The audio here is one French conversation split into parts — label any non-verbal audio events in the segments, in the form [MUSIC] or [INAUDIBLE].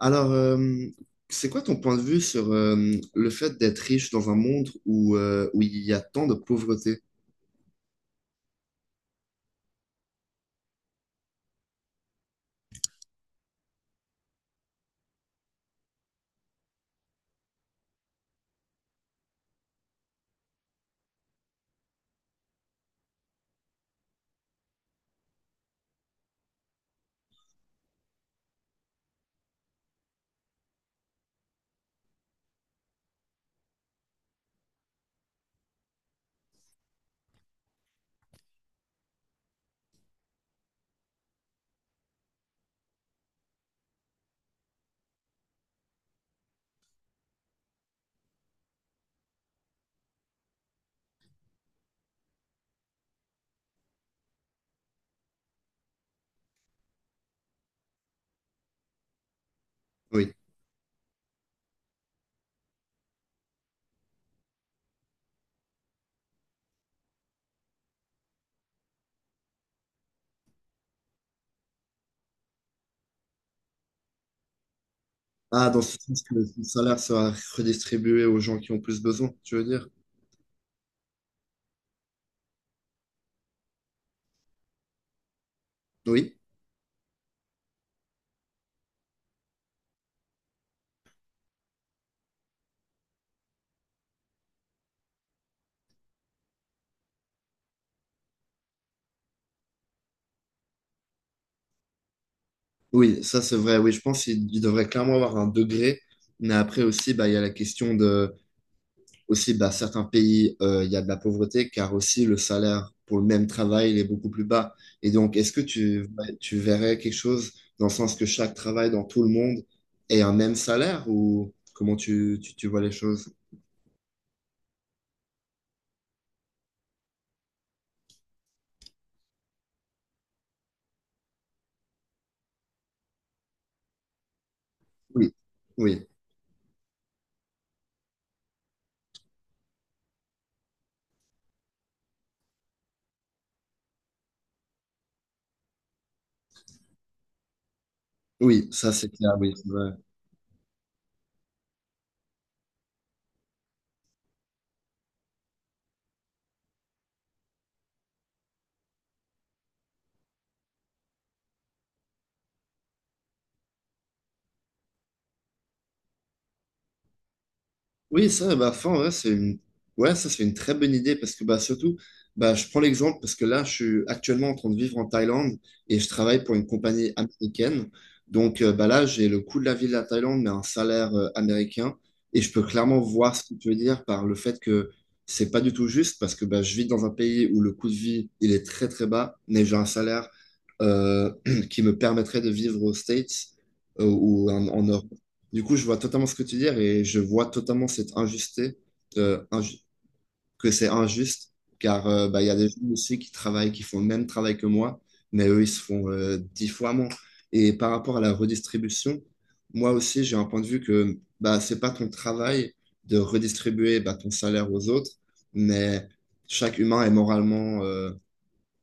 Alors, euh, c'est quoi ton point de vue sur le fait d'être riche dans un monde où il y a tant de pauvreté? Oui. Ah, dans ce sens que le salaire sera redistribué aux gens qui ont plus besoin, tu veux dire? Oui. Oui, ça c'est vrai. Oui, je pense qu'il il devrait clairement avoir un degré. Mais après aussi, bah, il y a la question de aussi, bah, certains pays, il y a de la pauvreté, car aussi le salaire pour le même travail, il est beaucoup plus bas. Et donc, tu verrais quelque chose dans le sens que chaque travail dans tout le monde ait un même salaire ou comment tu vois les choses? Oui, oui, oui, ça c'est clair, oui. Oui, ça, bah, fin, ouais, ça, c'est une très bonne idée parce que bah, surtout, bah, je prends l'exemple parce que là, je suis actuellement en train de vivre en Thaïlande et je travaille pour une compagnie américaine. Donc bah, là, j'ai le coût de la vie de la Thaïlande, mais un salaire américain. Et je peux clairement voir ce que tu veux dire par le fait que c'est pas du tout juste parce que bah, je vis dans un pays où le coût de vie, il est très très bas, mais j'ai un salaire euh, [CLEARS THROAT] qui me permettrait de vivre aux States ou en Europe. Du coup, je vois totalement ce que tu dis et je vois totalement cette injusté, euh, inju- que c'est injuste, car bah, il y a des gens aussi qui travaillent, qui font le même travail que moi, mais eux, ils se font dix fois moins. Et par rapport à la redistribution, moi aussi, j'ai un point de vue que bah, c'est pas ton travail de redistribuer bah, ton salaire aux autres, mais chaque humain est moralement,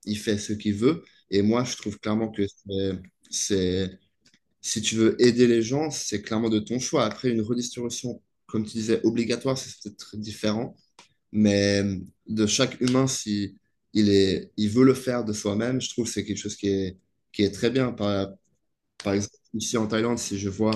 il fait ce qu'il veut. Et moi, je trouve clairement que c'est, si tu veux aider les gens, c'est clairement de ton choix. Après, une redistribution, comme tu disais, obligatoire, c'est peut-être très différent. Mais de chaque humain, si il est, il veut le faire de soi-même, je trouve que c'est quelque chose qui est très bien. Par exemple, ici en Thaïlande, si je vois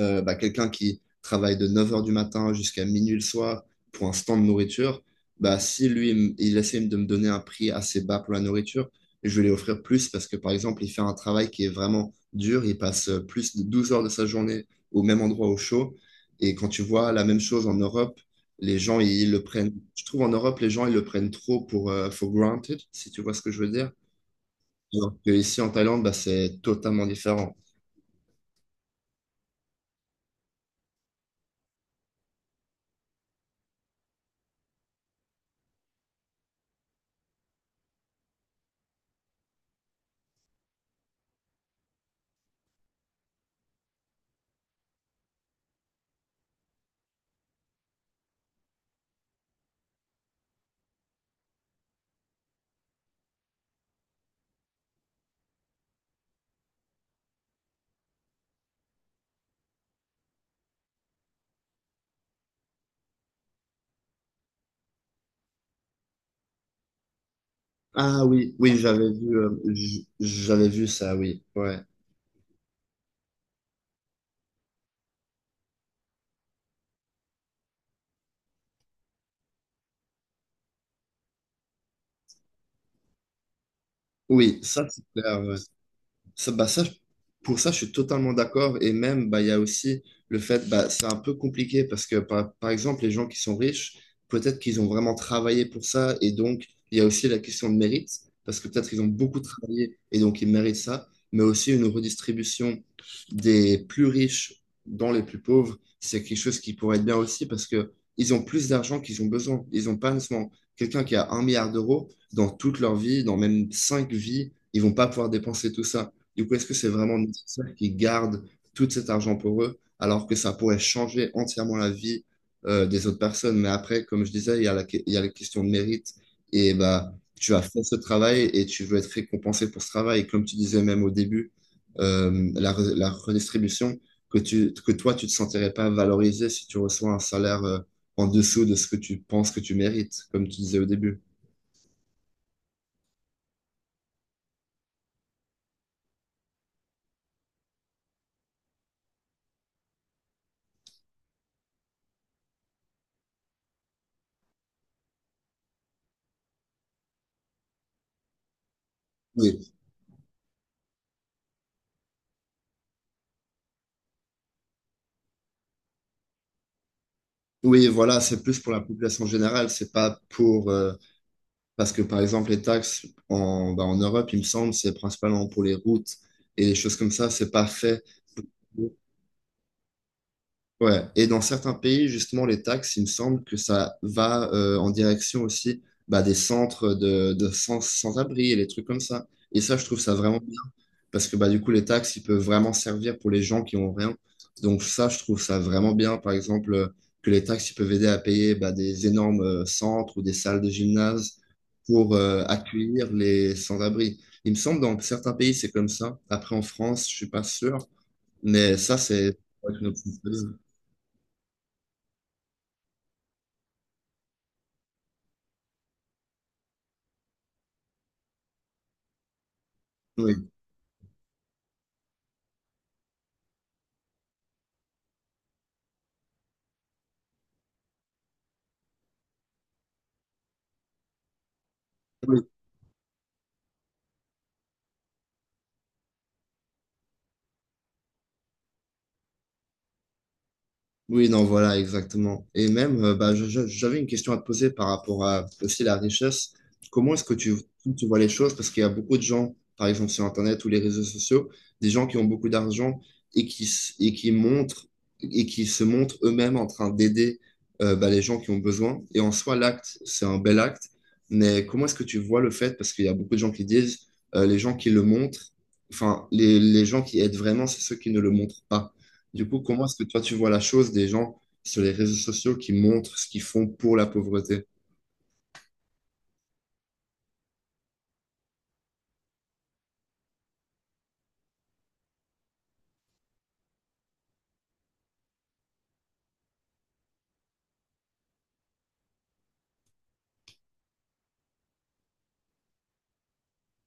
bah, quelqu'un qui travaille de 9 heures du matin jusqu'à minuit le soir pour un stand de nourriture, bah, si lui, il essaie de me donner un prix assez bas pour la nourriture, je vais lui offrir plus parce que, par exemple, il fait un travail qui est vraiment dur, il passe plus de 12 heures de sa journée au même endroit au chaud. Et quand tu vois la même chose en Europe, les gens, ils le prennent, je trouve en Europe, les gens, ils le prennent trop pour, for granted, si tu vois ce que je veux dire. Alors que ici en Thaïlande, bah, c'est totalement différent. Ah oui, oui, j'avais vu ça, oui, ouais. Oui, ça c'est clair. Ouais. Ça, bah ça, pour ça, je suis totalement d'accord. Et même, bah, il y a aussi le fait, bah, c'est un peu compliqué parce que, par exemple, les gens qui sont riches, peut-être qu'ils ont vraiment travaillé pour ça. Et donc, il y a aussi la question de mérite, parce que peut-être ils ont beaucoup travaillé et donc ils méritent ça. Mais aussi une redistribution des plus riches dans les plus pauvres, c'est quelque chose qui pourrait être bien aussi parce que ils ont plus d'argent qu'ils ont besoin. Ils n'ont pas nécessairement quelqu'un qui a un milliard d'euros dans toute leur vie, dans même cinq vies, ils vont pas pouvoir dépenser tout ça. Du coup, est-ce que c'est vraiment nécessaire qu'ils gardent tout cet argent pour eux, alors que ça pourrait changer entièrement la vie des autres personnes? Mais après, comme je disais, il y a la question de mérite. Et bah, tu as fait ce travail et tu veux être récompensé pour ce travail. Comme tu disais même au début, la redistribution, que toi, tu ne te sentirais pas valorisé si tu reçois un salaire en dessous de ce que tu penses que tu mérites, comme tu disais au début. Oui, oui, voilà, c'est plus pour la population générale, c'est pas pour parce que par exemple, bah, en Europe, il me semble, c'est principalement pour les routes et les choses comme ça, c'est pas fait. Ouais. Et dans certains pays, justement, les taxes, il me semble que ça va en direction aussi bah, des centres de sans, sans-abri et les trucs comme ça. Et ça, je trouve ça vraiment parce que bah, du coup, les taxes, ils peuvent vraiment servir pour les gens qui ont rien. Donc ça, je trouve ça vraiment bien, par exemple, que les taxes, ils peuvent aider à payer bah, des énormes centres ou des salles de gymnase pour accueillir les sans-abri. Il me semble dans certains pays, c'est comme ça. Après, en France, je suis pas sûr, mais ça, c'est... Oui. Oui, non, voilà, exactement. Et même, bah, j'avais une question à te poser par rapport à aussi la richesse. Comment tu vois les choses? Parce qu'il y a beaucoup de gens, par exemple sur Internet ou les réseaux sociaux, des gens qui ont beaucoup d'argent et qui montrent et qui se montrent eux-mêmes en train d'aider bah, les gens qui ont besoin. Et en soi, l'acte, c'est un bel acte. Mais comment est-ce que tu vois le fait? Parce qu'il y a beaucoup de gens qui disent, les gens qui le montrent, enfin, les gens qui aident vraiment, c'est ceux qui ne le montrent pas. Du coup, comment est-ce que toi, tu vois la chose des gens sur les réseaux sociaux qui montrent ce qu'ils font pour la pauvreté?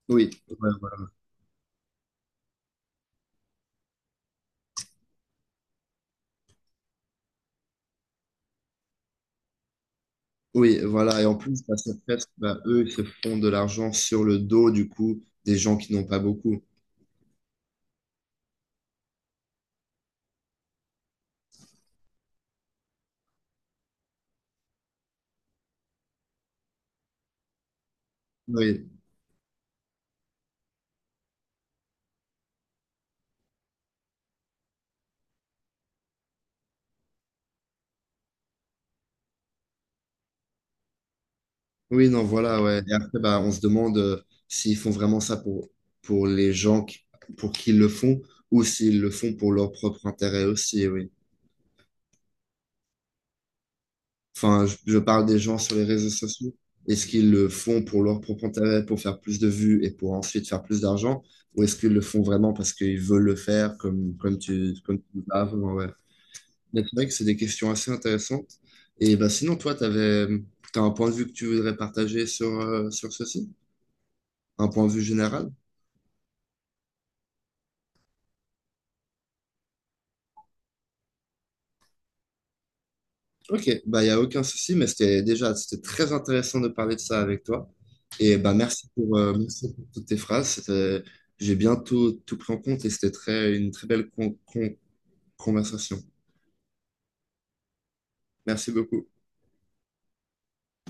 Oui, ouais, ouais. Oui, voilà. Et en plus, bah, c'est presque, bah, eux, ils se font de l'argent sur le dos, du coup, des gens qui n'ont pas beaucoup. Oui, oui, non, voilà, ouais. Et après, bah, on se demande s'ils font vraiment ça pour les gens pour qui ils le font ou s'ils le font pour leur propre intérêt aussi, oui. Enfin, je parle des gens sur les réseaux sociaux. Est-ce qu'ils le font pour leur propre intérêt, pour faire plus de vues et pour ensuite faire plus d'argent? Ou est-ce qu'ils le font vraiment parce qu'ils veulent le faire comme, comme tu disais avant, ouais. Ouais. Mais c'est vrai que c'est des questions assez intéressantes. Et bah, sinon, t'as un point de vue que tu voudrais partager sur, sur ceci? Un point de vue général? Ok, bah, il n'y a aucun souci, mais c'était très intéressant de parler de ça avec toi. Et bah, merci pour toutes tes phrases. C'était- j'ai bientôt tout, tout pris en compte et c'était très, une très belle conversation. Merci beaucoup.